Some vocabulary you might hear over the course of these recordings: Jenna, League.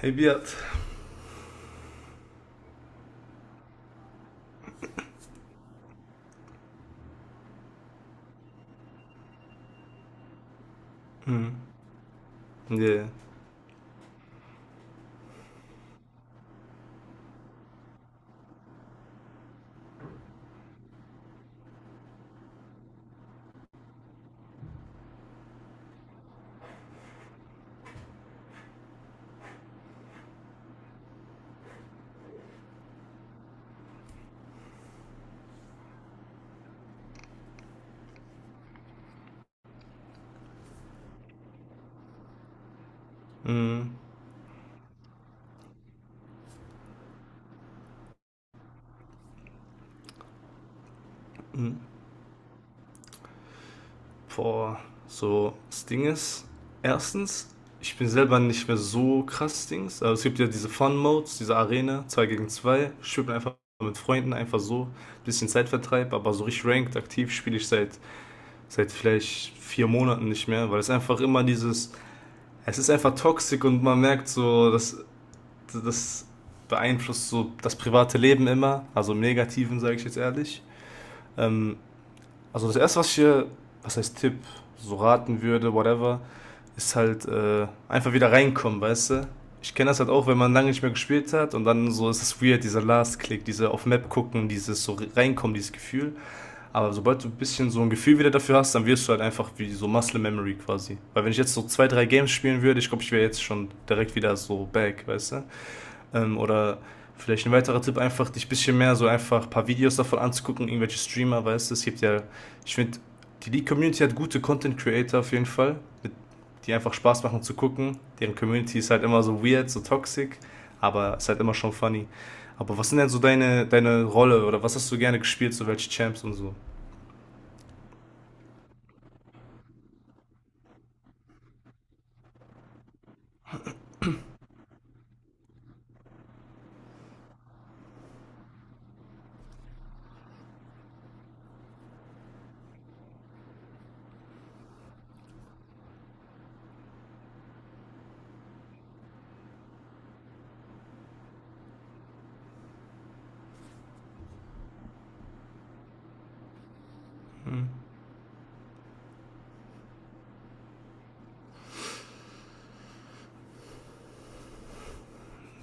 Hey Beat. Mhm. Yeah. Mhm. Mhm. Boah, so, das Ding ist, erstens, ich bin selber nicht mehr so krass Dings, aber es gibt ja diese Fun-Modes, diese Arena, 2 gegen 2. Spielt man einfach mit Freunden, einfach so, bisschen Zeitvertreib, aber so richtig ranked, aktiv spiele ich seit vielleicht vier Monaten nicht mehr, weil es einfach immer es ist einfach toxisch und man merkt so, dass das beeinflusst so das private Leben immer, also im Negativen, sage ich jetzt ehrlich. Ähm, Also das erste, was heißt Tipp, so raten würde, whatever, ist halt einfach wieder reinkommen, weißt du? Ich kenne das halt auch, wenn man lange nicht mehr gespielt hat und dann so ist es weird, dieser Last Click, diese auf Map gucken, dieses so reinkommen, dieses Gefühl. Aber sobald du ein bisschen so ein Gefühl wieder dafür hast, dann wirst du halt einfach wie so Muscle Memory quasi. Weil wenn ich jetzt so zwei, drei Games spielen würde, ich glaube, ich wäre jetzt schon direkt wieder so back, weißt du? Oder vielleicht ein weiterer Tipp, einfach dich ein bisschen mehr so einfach ein paar Videos davon anzugucken, irgendwelche Streamer, weißt du, es gibt ja, ich finde, die League-Community hat gute Content-Creator auf jeden Fall, mit, die einfach Spaß machen zu gucken. Deren Community ist halt immer so weird, so toxic, aber ist halt immer schon funny. Aber was sind denn so deine Rolle oder was hast du gerne gespielt, so welche Champs und so?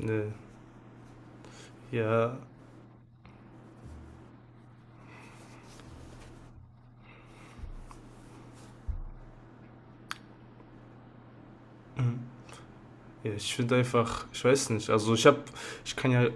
Ne, ja, ja, ich finde einfach, ich weiß nicht, also ich habe, ich kann ja,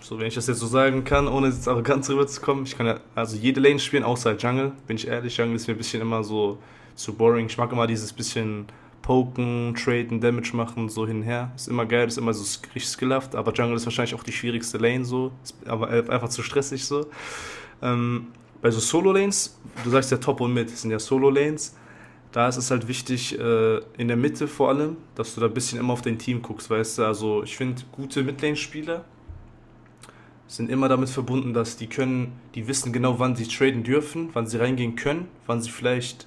so wenn ich das jetzt so sagen kann, ohne jetzt arrogant rüberzukommen, ich kann ja, also jede Lane spielen, außer Jungle, bin ich ehrlich, Jungle ist mir ein bisschen immer so zu boring. Ich mag immer dieses bisschen poken, traden, Damage machen, so hin und her. Ist immer geil, ist immer so richtig skillhaft, aber Jungle ist wahrscheinlich auch die schwierigste Lane so, ist aber einfach zu stressig so. Ähm, bei so Solo-Lanes, du sagst ja Top und Mid, das sind ja Solo-Lanes, da ist es halt wichtig, in der Mitte vor allem, dass du da ein bisschen immer auf dein Team guckst, weißt du? Also ich finde, gute Midlane-Spieler sind immer damit verbunden, dass die können, die wissen genau, wann sie traden dürfen, wann sie reingehen können, wann sie vielleicht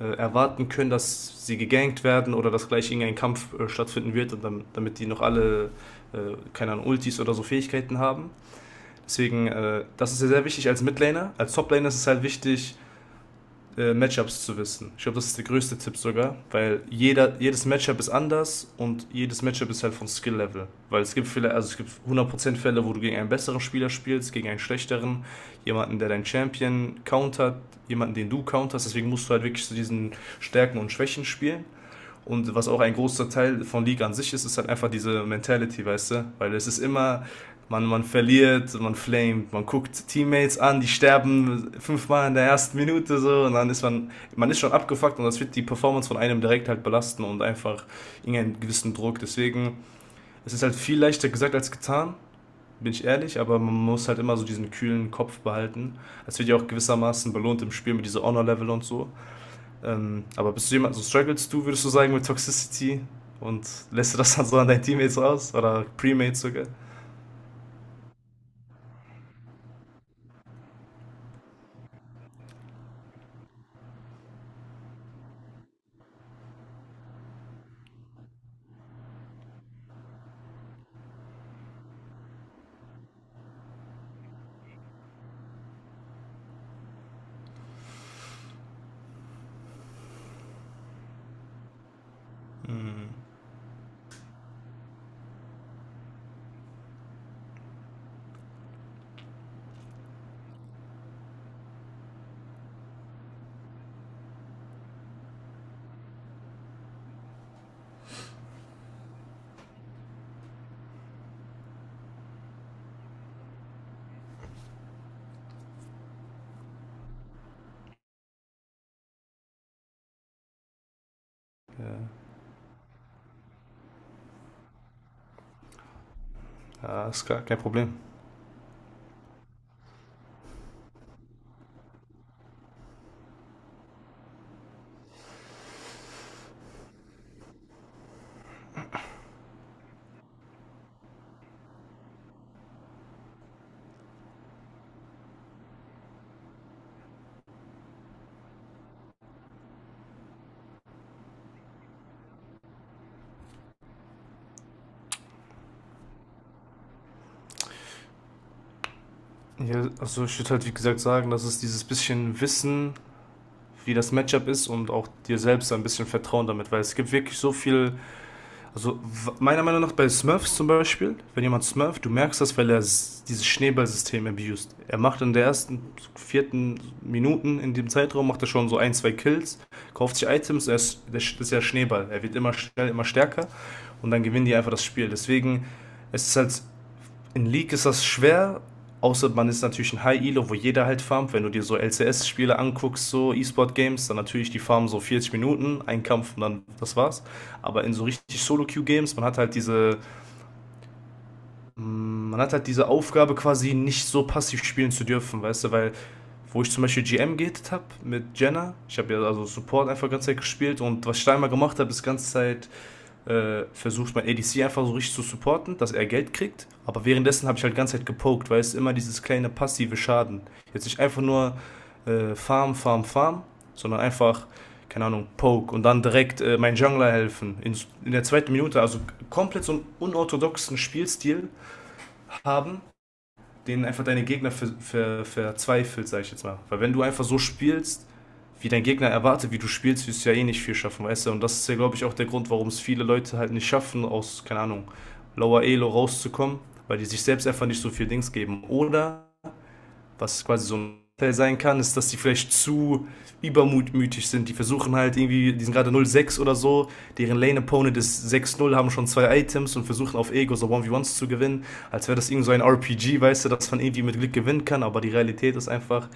erwarten können, dass sie gegankt werden oder dass gleich irgendein Kampf stattfinden wird, und dann, damit die noch alle, keine Ahnung, Ultis oder so Fähigkeiten haben. Deswegen, das ist ja sehr wichtig als Midlaner. Als Toplaner ist es halt wichtig, Matchups zu wissen. Ich glaube, das ist der größte Tipp sogar, weil jeder, jedes Matchup ist anders und jedes Matchup ist halt von Skill-Level. Weil es gibt viele, also es gibt 100% Fälle, wo du gegen einen besseren Spieler spielst, gegen einen schlechteren, jemanden, der deinen Champion countert, jemanden, den du counterst. Deswegen musst du halt wirklich zu diesen Stärken und Schwächen spielen. Und was auch ein großer Teil von League an sich ist, ist halt einfach diese Mentality, weißt du? Weil es ist immer, man verliert, man flamet, man guckt Teammates an, die sterben fünfmal in der ersten Minute so und dann ist man, man ist schon abgefuckt und das wird die Performance von einem direkt halt belasten und einfach irgendeinen gewissen Druck. Deswegen, es ist halt viel leichter gesagt als getan, bin ich ehrlich, aber man muss halt immer so diesen kühlen Kopf behalten. Es wird ja auch gewissermaßen belohnt im Spiel mit dieser Honor-Level und so. Aber bist du jemand, so strugglest du, würdest du sagen, mit Toxicity und lässt du das dann so an deinen Teammates raus oder Premates sogar? Ja, ja ist klar, kein Problem. Ja, also ich würde halt wie gesagt sagen, dass es dieses bisschen Wissen, wie das Matchup ist und auch dir selbst ein bisschen Vertrauen damit, weil es gibt wirklich so viel. Also meiner Meinung nach bei Smurfs zum Beispiel, wenn jemand Smurf, du merkst das, weil er dieses Schneeballsystem abused. Er macht in der ersten, vierten Minuten in dem Zeitraum, macht er schon so ein, zwei Kills, kauft sich Items, er ist, das ist ja Schneeball. Er wird immer schnell, immer stärker und dann gewinnen die einfach das Spiel. Deswegen, es ist halt, in League ist das schwer, außer man ist natürlich ein High-Elo, wo jeder halt farmt. Wenn du dir so LCS-Spiele anguckst, so E-Sport-Games, dann natürlich die farmen so 40 Minuten, ein Kampf und dann das war's. Aber in so richtig Solo-Queue-Games, man hat halt diese, man hat halt diese Aufgabe quasi nicht so passiv spielen zu dürfen, weißt du, weil wo ich zum Beispiel GM gehtet habe mit Jenna. Ich habe ja also Support einfach die ganze Zeit gespielt und was ich da immer gemacht habe, ist die ganze Zeit versucht, mein ADC einfach so richtig zu supporten, dass er Geld kriegt. Aber währenddessen habe ich halt die ganze Zeit gepokt, weil es immer dieses kleine passive Schaden. Jetzt nicht einfach nur Farm, Farm, Farm, sondern einfach, keine Ahnung, Poke und dann direkt mein Jungler helfen. In der zweiten Minute, also komplett so einen unorthodoxen Spielstil haben, denen einfach deine Gegner verzweifelt, sag ich jetzt mal. Weil wenn du einfach so spielst, wie dein Gegner erwartet, wie du spielst, wirst du ja eh nicht viel schaffen, weißt du? Und das ist ja, glaube ich, auch der Grund, warum es viele Leute halt nicht schaffen, aus, keine Ahnung, Lower Elo rauszukommen, weil die sich selbst einfach nicht so viel Dings geben. Oder was quasi so ein Teil sein kann, ist, dass die vielleicht zu übermutmütig sind. Die versuchen halt irgendwie, die sind gerade null sechs oder so, deren Lane Opponent ist sechs null, haben schon zwei Items und versuchen auf Ego so 1 v 1 zu gewinnen, als wäre das irgendwie so ein RPG, weißt du, dass man irgendwie mit Glück gewinnen kann, aber die Realität ist einfach,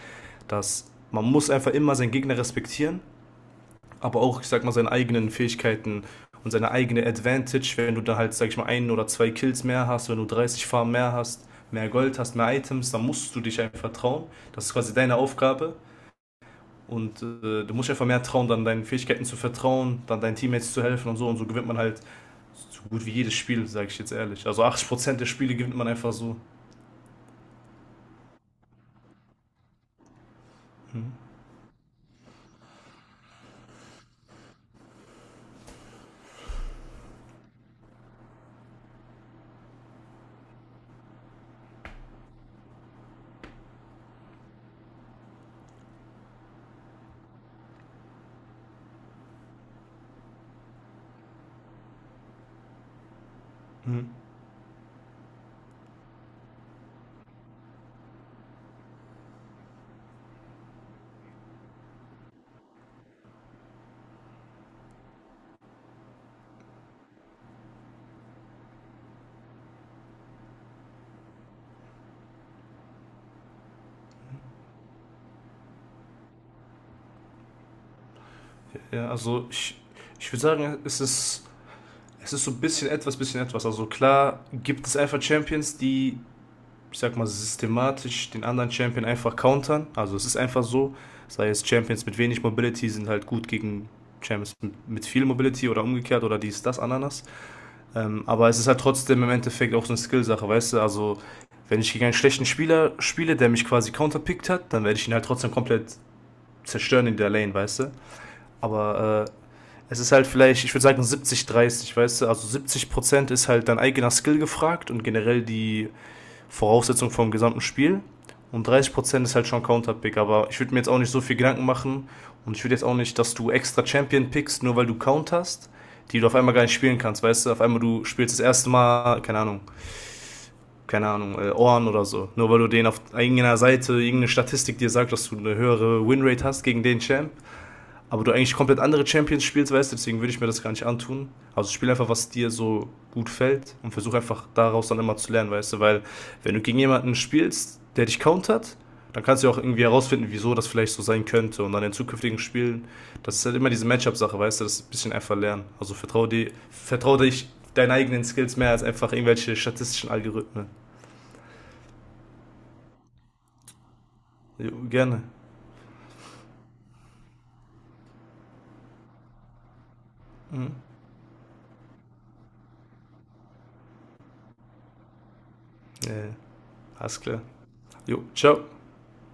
dass man muss einfach immer seinen Gegner respektieren, aber auch, ich sag mal, seine eigenen Fähigkeiten und seine eigene Advantage, wenn du da halt, sag ich mal, ein oder zwei Kills mehr hast, wenn du 30 Farben mehr hast, mehr Gold hast, mehr Items, dann musst du dich einfach trauen. Das ist quasi deine Aufgabe. Und du musst einfach mehr trauen, dann deinen Fähigkeiten zu vertrauen, dann deinen Teammates zu helfen und so. Und so gewinnt man halt so gut wie jedes Spiel, sage ich jetzt ehrlich. Also 80% der Spiele gewinnt man einfach so. Mhm. Ja, ich würde sagen, es ist so ein bisschen etwas, bisschen etwas. Also klar gibt es einfach Champions, die ich sag mal, systematisch den anderen Champion einfach countern. Also es ist einfach so, sei es Champions mit wenig Mobility sind halt gut gegen Champions mit viel Mobility oder umgekehrt oder dies, das, Ananas. Aber es ist halt trotzdem im Endeffekt auch so eine Skill-Sache, weißt du? Also, wenn ich gegen einen schlechten Spieler spiele, der mich quasi counterpickt hat, dann werde ich ihn halt trotzdem komplett zerstören in der Lane, weißt du? Aber es ist halt vielleicht, ich würde sagen 70-30, weißt du? Also 70% ist halt dein eigener Skill gefragt und generell die Voraussetzung vom gesamten Spiel. Und 30% ist halt schon Counterpick, aber ich würde mir jetzt auch nicht so viel Gedanken machen und ich würde jetzt auch nicht, dass du extra Champion pickst, nur weil du Count hast, die du auf einmal gar nicht spielen kannst, weißt du? Auf einmal du spielst das erste Mal, keine Ahnung, Ohren oder so. Nur weil du den auf irgendeiner Seite, irgendeine Statistik dir sagt, dass du eine höhere Winrate hast gegen den Champ, aber du eigentlich komplett andere Champions spielst, weißt du, deswegen würde ich mir das gar nicht antun. Also spiel einfach, was dir so gut fällt und versuch einfach daraus dann immer zu lernen, weißt du, weil wenn du gegen jemanden spielst, der dich countert, dann kannst du ja auch irgendwie herausfinden, wieso das vielleicht so sein könnte und dann in zukünftigen Spielen, das ist halt immer diese Matchup-Sache, weißt du, das ist ein bisschen einfach lernen. Also vertraue dir, vertraue dich deinen eigenen Skills mehr als einfach irgendwelche statistischen Algorithmen. Jo, gerne. Ja, ja, alles klar. Jo, ciao.